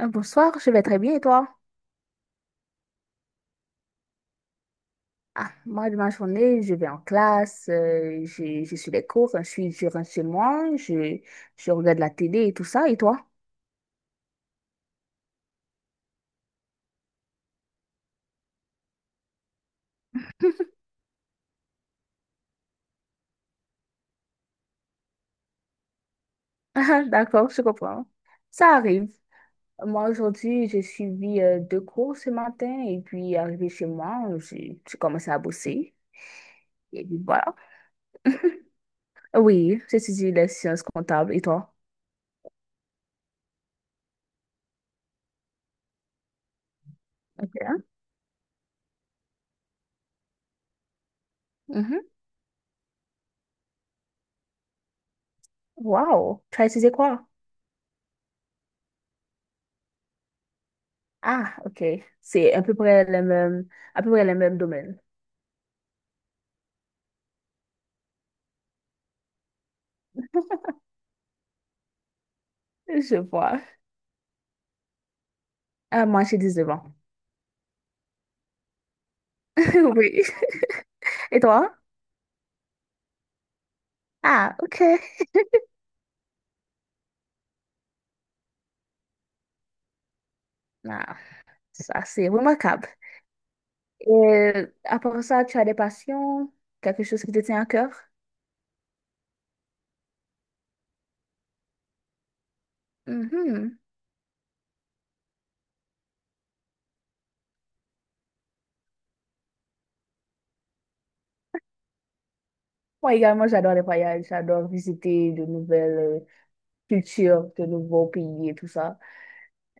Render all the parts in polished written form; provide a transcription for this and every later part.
Bonsoir, je vais très bien et toi? Ah, moi, de ma journée, je vais en classe, je suis les cours, je suis, je rentre chez moi, je regarde la télé et tout ça. Et toi? Ah, d'accord, je comprends. Ça arrive. Moi, aujourd'hui, j'ai suivi deux cours ce matin et puis, arrivé chez moi, j'ai commencé à bosser. Et puis, voilà. Oui, j'ai étudié les sciences comptables. Et toi? Ok. Mhm. Wow. Tu as étudié quoi? Ah, ok. C'est à peu près le même, à peu près le même domaine. Je vois. Moi, j'ai 19 ans. Oui. Et toi? Ah, ok. Ah, ça, c'est remarquable. Et à part ça, tu as des passions? Quelque chose qui te tient à cœur? Mhm. Moi également, j'adore les voyages. J'adore visiter de nouvelles cultures, de nouveaux pays et tout ça.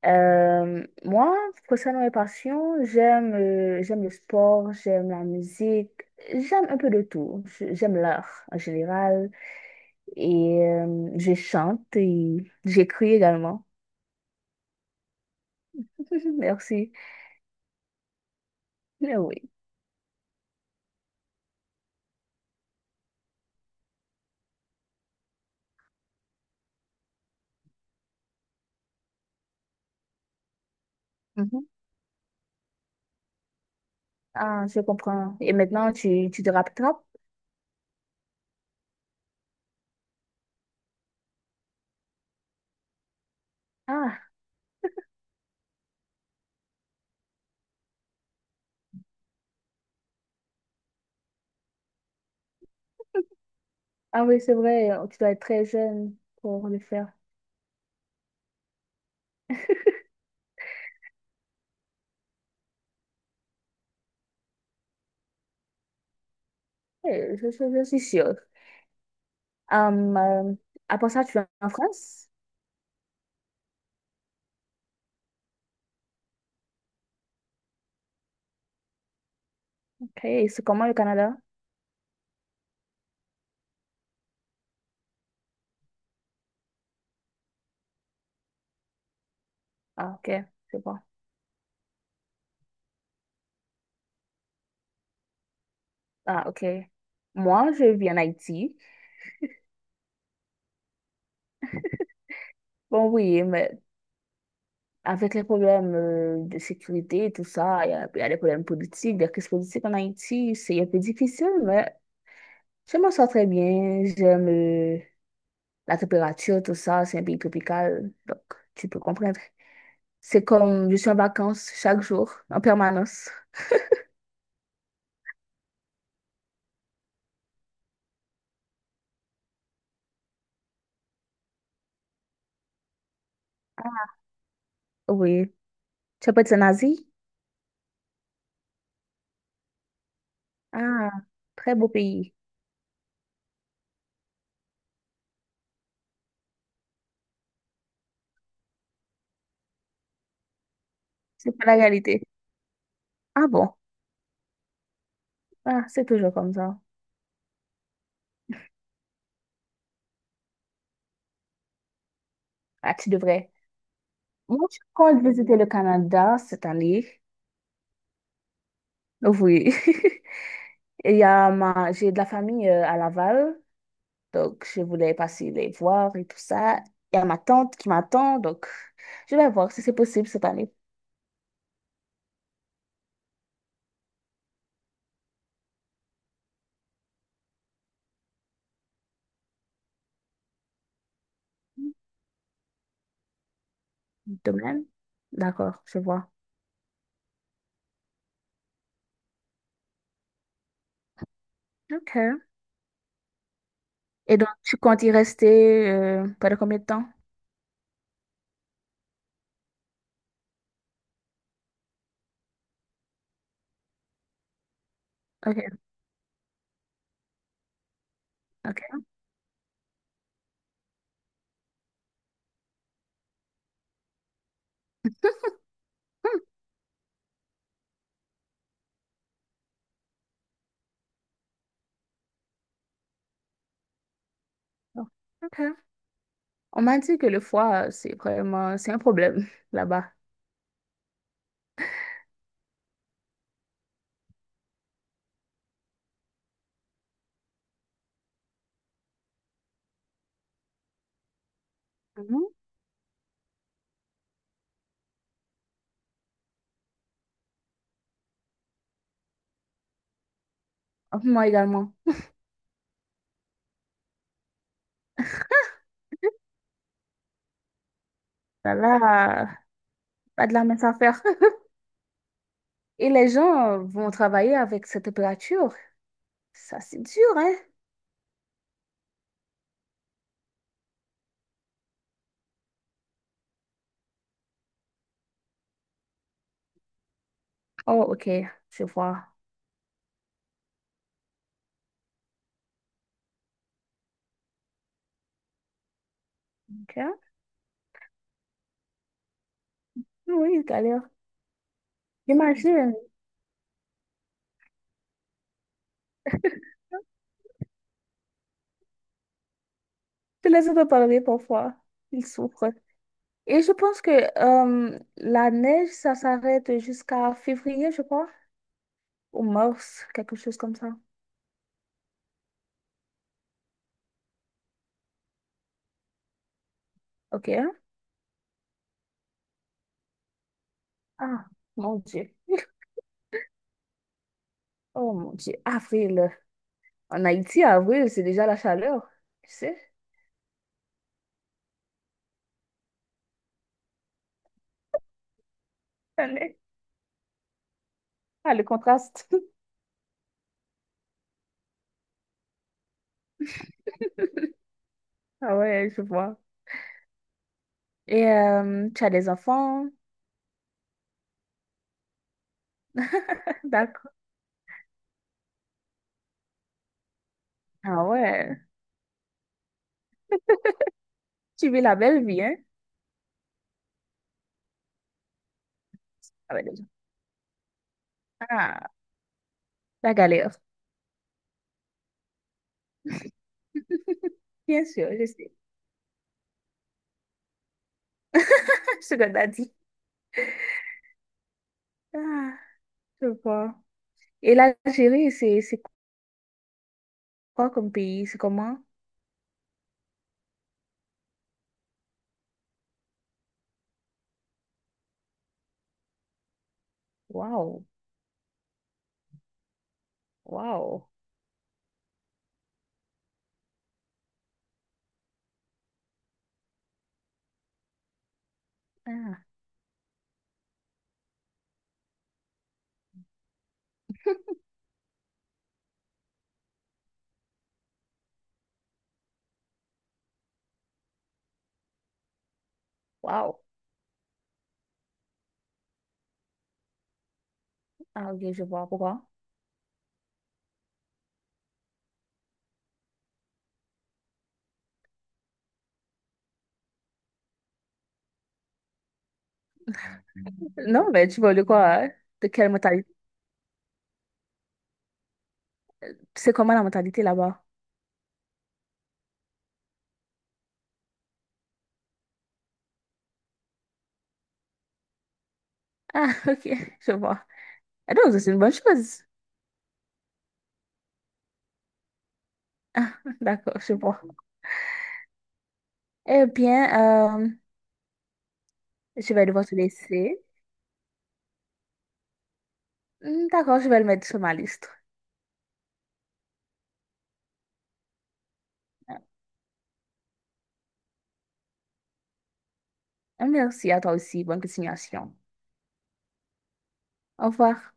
Moi, concernant mes passions, j'aime le sport, j'aime la musique, j'aime un peu de tout. J'aime l'art en général. Et je chante et j'écris également. Merci. Mais oui. Mhm. Ah, je comprends. Et maintenant, tu te rattrapes? Ah, ah oui, c'est vrai, tu dois être très jeune pour le faire. Eh, Je, je suis sûre. Hum, euh, Après ça, tu es en France? Ok, et c'est comment le Canada? Ah, ok, c'est bon. Ah, ok. Moi, je vis en Haïti. Bon, oui, mais avec les problèmes de sécurité et tout ça, il y a les problèmes politiques, des crises politiques en Haïti, c'est un peu difficile, mais je m'en sors très bien. J'aime la température, tout ça, c'est un pays tropical, donc tu peux comprendre. C'est comme je suis en vacances chaque jour, en permanence. Oui. Tu as pas été en Asie? Ah, très beau pays. C'est pas la réalité. Ah bon? Ah, c'est toujours comme ça. Ah, tu devrais. Moi, je compte visiter le Canada cette année. Oui. Et il y a ma... J'ai de la famille à Laval, donc je voulais passer les voir et tout ça. Il y a ma tante qui m'attend, donc je vais voir si c'est possible cette année. De même. D'accord, je vois. OK. Et donc, tu comptes y rester pendant combien de temps? OK, OK. Hmm, OK. On m'a dit que le foie, c'est vraiment... C'est un problème là-bas. Mhm. Moi également. Là, là, pas de la mince affaire. Et les gens vont travailler avec cette température. Ça, c'est dur, hein? Oh, ok, je vois. Ok. Ah. Oui, il galère. J'imagine. Tu les entends parler parfois. Ils souffrent. Et je pense que la neige, ça s'arrête jusqu'à février, je crois, ou mars, quelque chose comme ça. Ok. Ah, mon Dieu. Oh, mon Dieu. Avril. En Haïti, avril, c'est déjà la chaleur. Tu sais? Allez. Ah, le contraste. Ah ouais, je vois. Et tu as des enfants. D'accord. Ah ouais. Tu vis la belle vie, hein? Avec des enfants. Ah. La galère. Bien sûr, je sais. Ce que t'as dit. Ah, je vois. Et l'Algérie, c'est quoi comme pays? C'est comment? Waouh, waouh. Ah, waouh. Ah, ok, je vois pourquoi. Non, mais tu vois de quoi? Hein? De quelle mentalité? C'est comment la mentalité là-bas? Ah, ok, je vois. Ah, donc, c'est une bonne chose. D'accord, je vois. Eh bien, je vais devoir te laisser. Hmm, d'accord, je vais le mettre sur ma liste. Ah, merci à toi aussi. Bonne continuation. Au revoir.